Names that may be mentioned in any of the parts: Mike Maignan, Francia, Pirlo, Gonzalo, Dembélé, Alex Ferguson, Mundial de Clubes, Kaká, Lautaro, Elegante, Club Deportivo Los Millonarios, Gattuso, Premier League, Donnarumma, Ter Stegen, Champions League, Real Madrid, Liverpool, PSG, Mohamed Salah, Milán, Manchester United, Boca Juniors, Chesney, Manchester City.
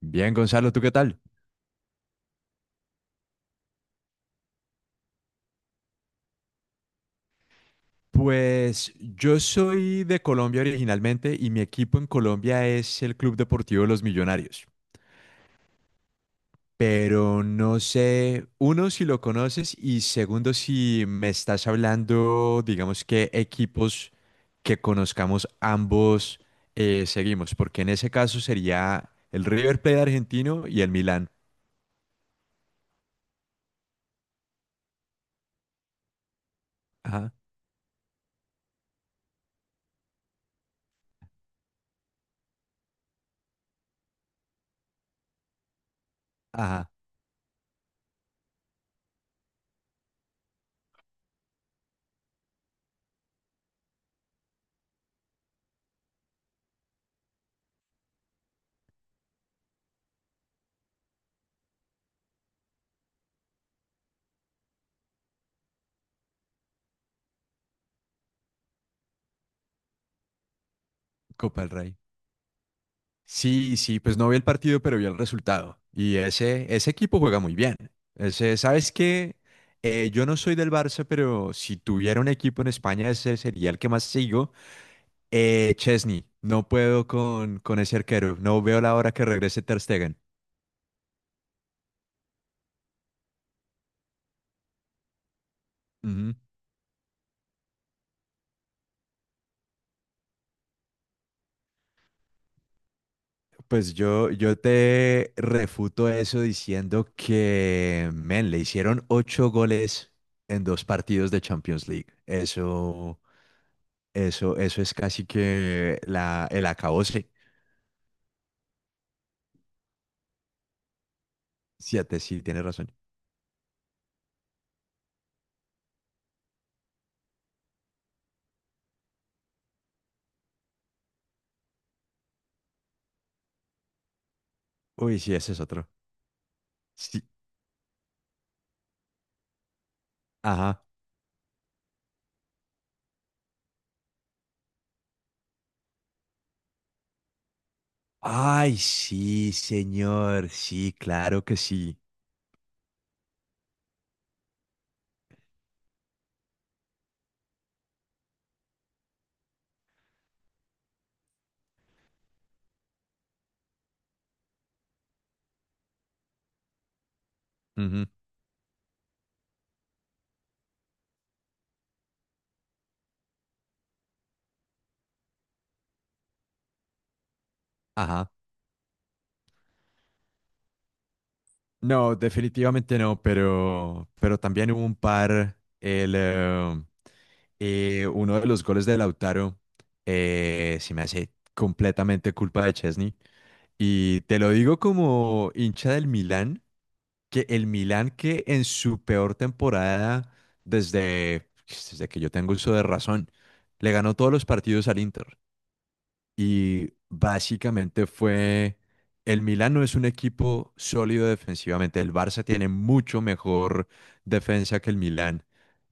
Bien, Gonzalo, ¿tú qué tal? Pues yo soy de Colombia originalmente y mi equipo en Colombia es el Club Deportivo Los Millonarios. Pero no sé, uno, si lo conoces y segundo, si me estás hablando, digamos que equipos que conozcamos ambos seguimos, porque en ese caso sería el River Plate argentino y el Milán. Ajá, ajá, Copa del Rey. Sí, sí, pues no vi el partido, pero vi el resultado. Y ese equipo juega muy bien. Ese, ¿sabes qué? Yo no soy del Barça, pero si tuviera un equipo en España, ese sería el que más sigo. Chesney, no puedo con ese arquero. No veo la hora que regrese Ter Stegen. Ujú. Pues yo te refuto eso diciendo que, men, le hicieron 8 goles en dos partidos de Champions League. Eso. Eso es casi que la, el acabose. Siete, sí, tienes razón. Uy, sí, ese es otro. Sí, ajá. Ay, sí, señor. Sí, claro que sí. Ujú. Ajá. No, definitivamente no, pero también hubo un par. Uno de los goles de Lautaro se me hace completamente culpa de Chesney. Y te lo digo como hincha del Milán. Que el Milan, que en su peor temporada, desde que yo tengo uso de razón, le ganó todos los partidos al Inter. Y básicamente fue, el Milan no es un equipo sólido defensivamente. El Barça tiene mucho mejor defensa que el Milan.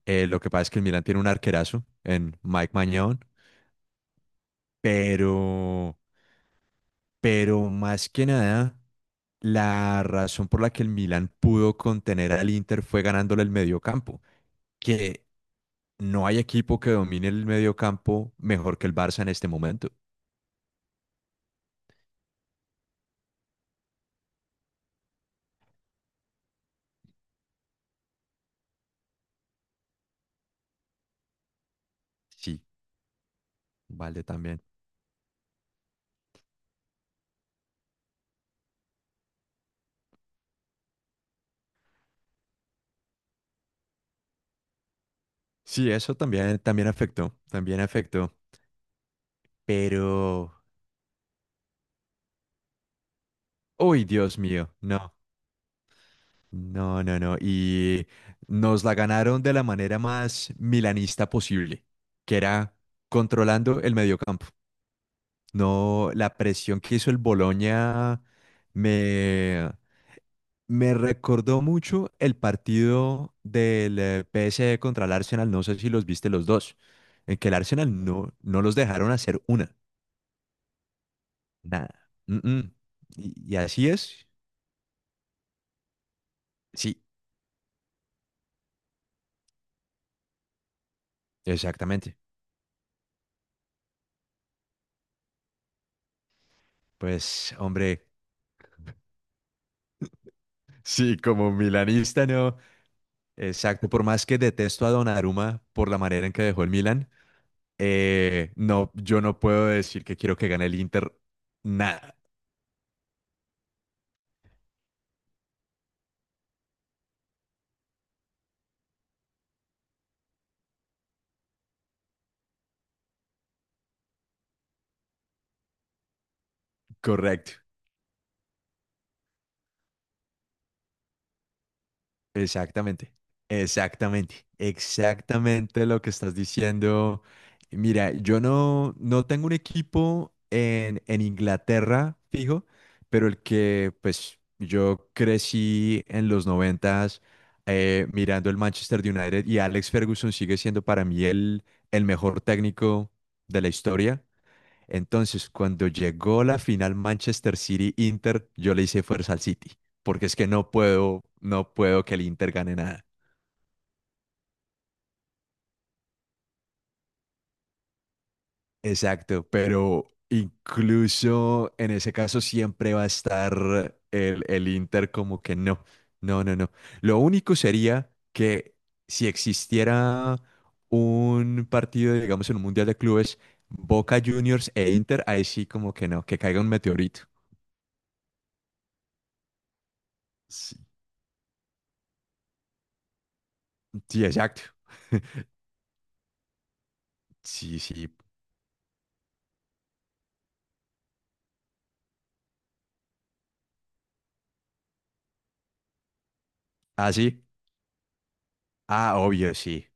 Lo que pasa es que el Milan tiene un arquerazo en Mike Maignan, pero, pero más que nada... La razón por la que el Milan pudo contener al Inter fue ganándole el mediocampo. Que no hay equipo que domine el medio campo mejor que el Barça en este momento. Sí, vale también. Sí, eso también, también afectó, pero... Uy, Dios mío, no, no, no, no. Y nos la ganaron de la manera más milanista posible, que era controlando el mediocampo. No, la presión que hizo el Boloña me... Me recordó mucho el partido del PSG contra el Arsenal, no sé si los viste los dos, en que el Arsenal no los dejaron hacer una, nada. Mm-mm. Y así es, sí, exactamente. Pues, hombre, sí, como milanista, no. Exacto, por más que detesto a Donnarumma por la manera en que dejó el Milan, no, yo no puedo decir que quiero que gane el Inter, nada, correcto. Exactamente, exactamente, exactamente lo que estás diciendo. Mira, yo no, no tengo un equipo en Inglaterra fijo, pero el que pues yo crecí en los noventas mirando el Manchester United, y Alex Ferguson sigue siendo para mí el mejor técnico de la historia. Entonces, cuando llegó la final Manchester City-Inter, yo le hice fuerza al City, porque es que no puedo que el Inter gane nada. Exacto, pero incluso en ese caso siempre va a estar el Inter como que no, no, no, no. Lo único sería que si existiera un partido, digamos, en un Mundial de Clubes, Boca Juniors e Inter, ahí sí como que no, que caiga un meteorito. Sí, sí, exacto. Sí, sí. Ah, sí. Ah, obvio, sí.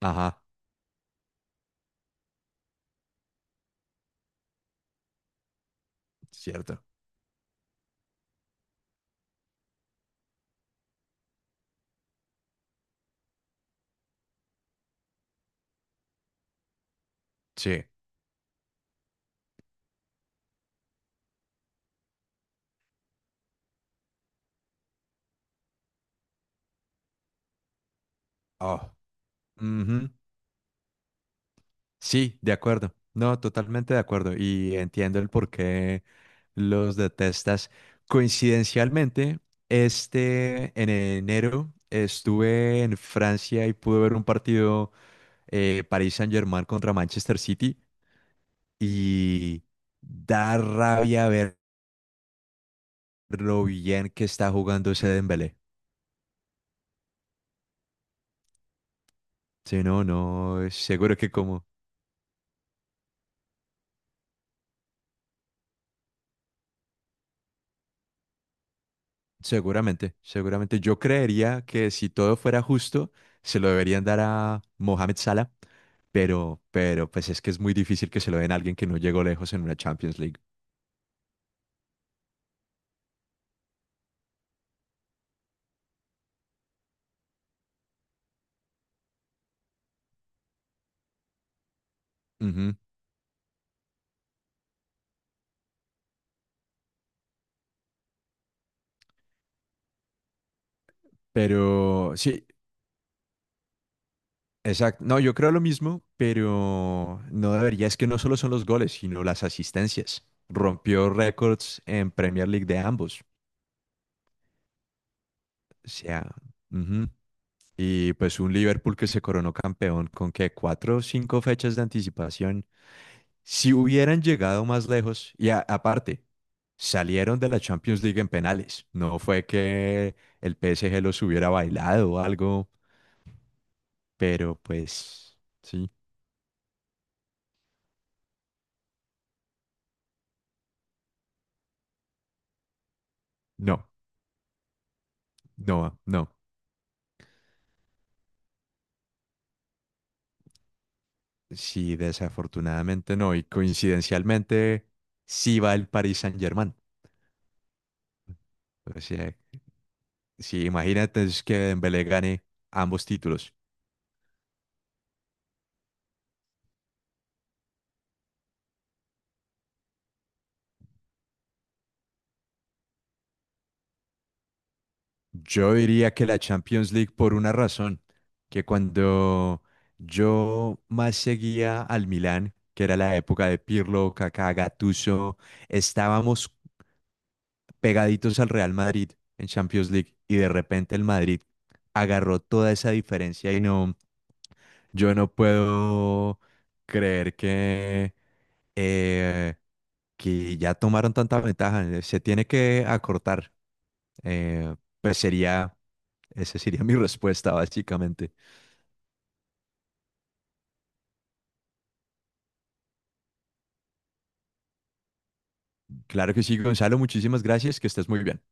Ajá, cierto. Sí. Oh. Ujú. Sí, de acuerdo. No, totalmente de acuerdo. Y entiendo el por qué los detestas. Coincidencialmente, este en enero estuve en Francia y pude ver un partido París Saint-Germain contra Manchester City, y da rabia ver lo bien que está jugando ese Dembélé. Sí, no, no, seguro que como, seguramente, seguramente. Yo creería que si todo fuera justo, se lo deberían dar a Mohamed Salah, pero pues es que es muy difícil que se lo den a alguien que no llegó lejos en una Champions League. Ujú. Pero sí, exacto. No, yo creo lo mismo, pero no debería. Es que no solo son los goles, sino las asistencias. Rompió récords en Premier League de ambos. O sea, ujú. Y pues un Liverpool que se coronó campeón con que cuatro o cinco fechas de anticipación. Si hubieran llegado más lejos, y aparte, salieron de la Champions League en penales. No fue que el PSG los hubiera bailado o algo, pero pues sí, no, no, no. Sí, desafortunadamente no. Y coincidencialmente, sí va el Paris Saint-Germain. O sea, sí, imagínate es que Dembélé gane ambos títulos. Yo diría que la Champions League por una razón, que cuando yo más seguía al Milán, que era la época de Pirlo, Kaká, Gattuso, estábamos pegaditos al Real Madrid en Champions League, y de repente el Madrid agarró toda esa diferencia y no, yo no puedo creer eh, que ya tomaron tanta ventaja, se tiene que acortar. Eh, pues sería, esa sería mi respuesta, básicamente. Claro que sí, Gonzalo, muchísimas gracias, que estés muy bien.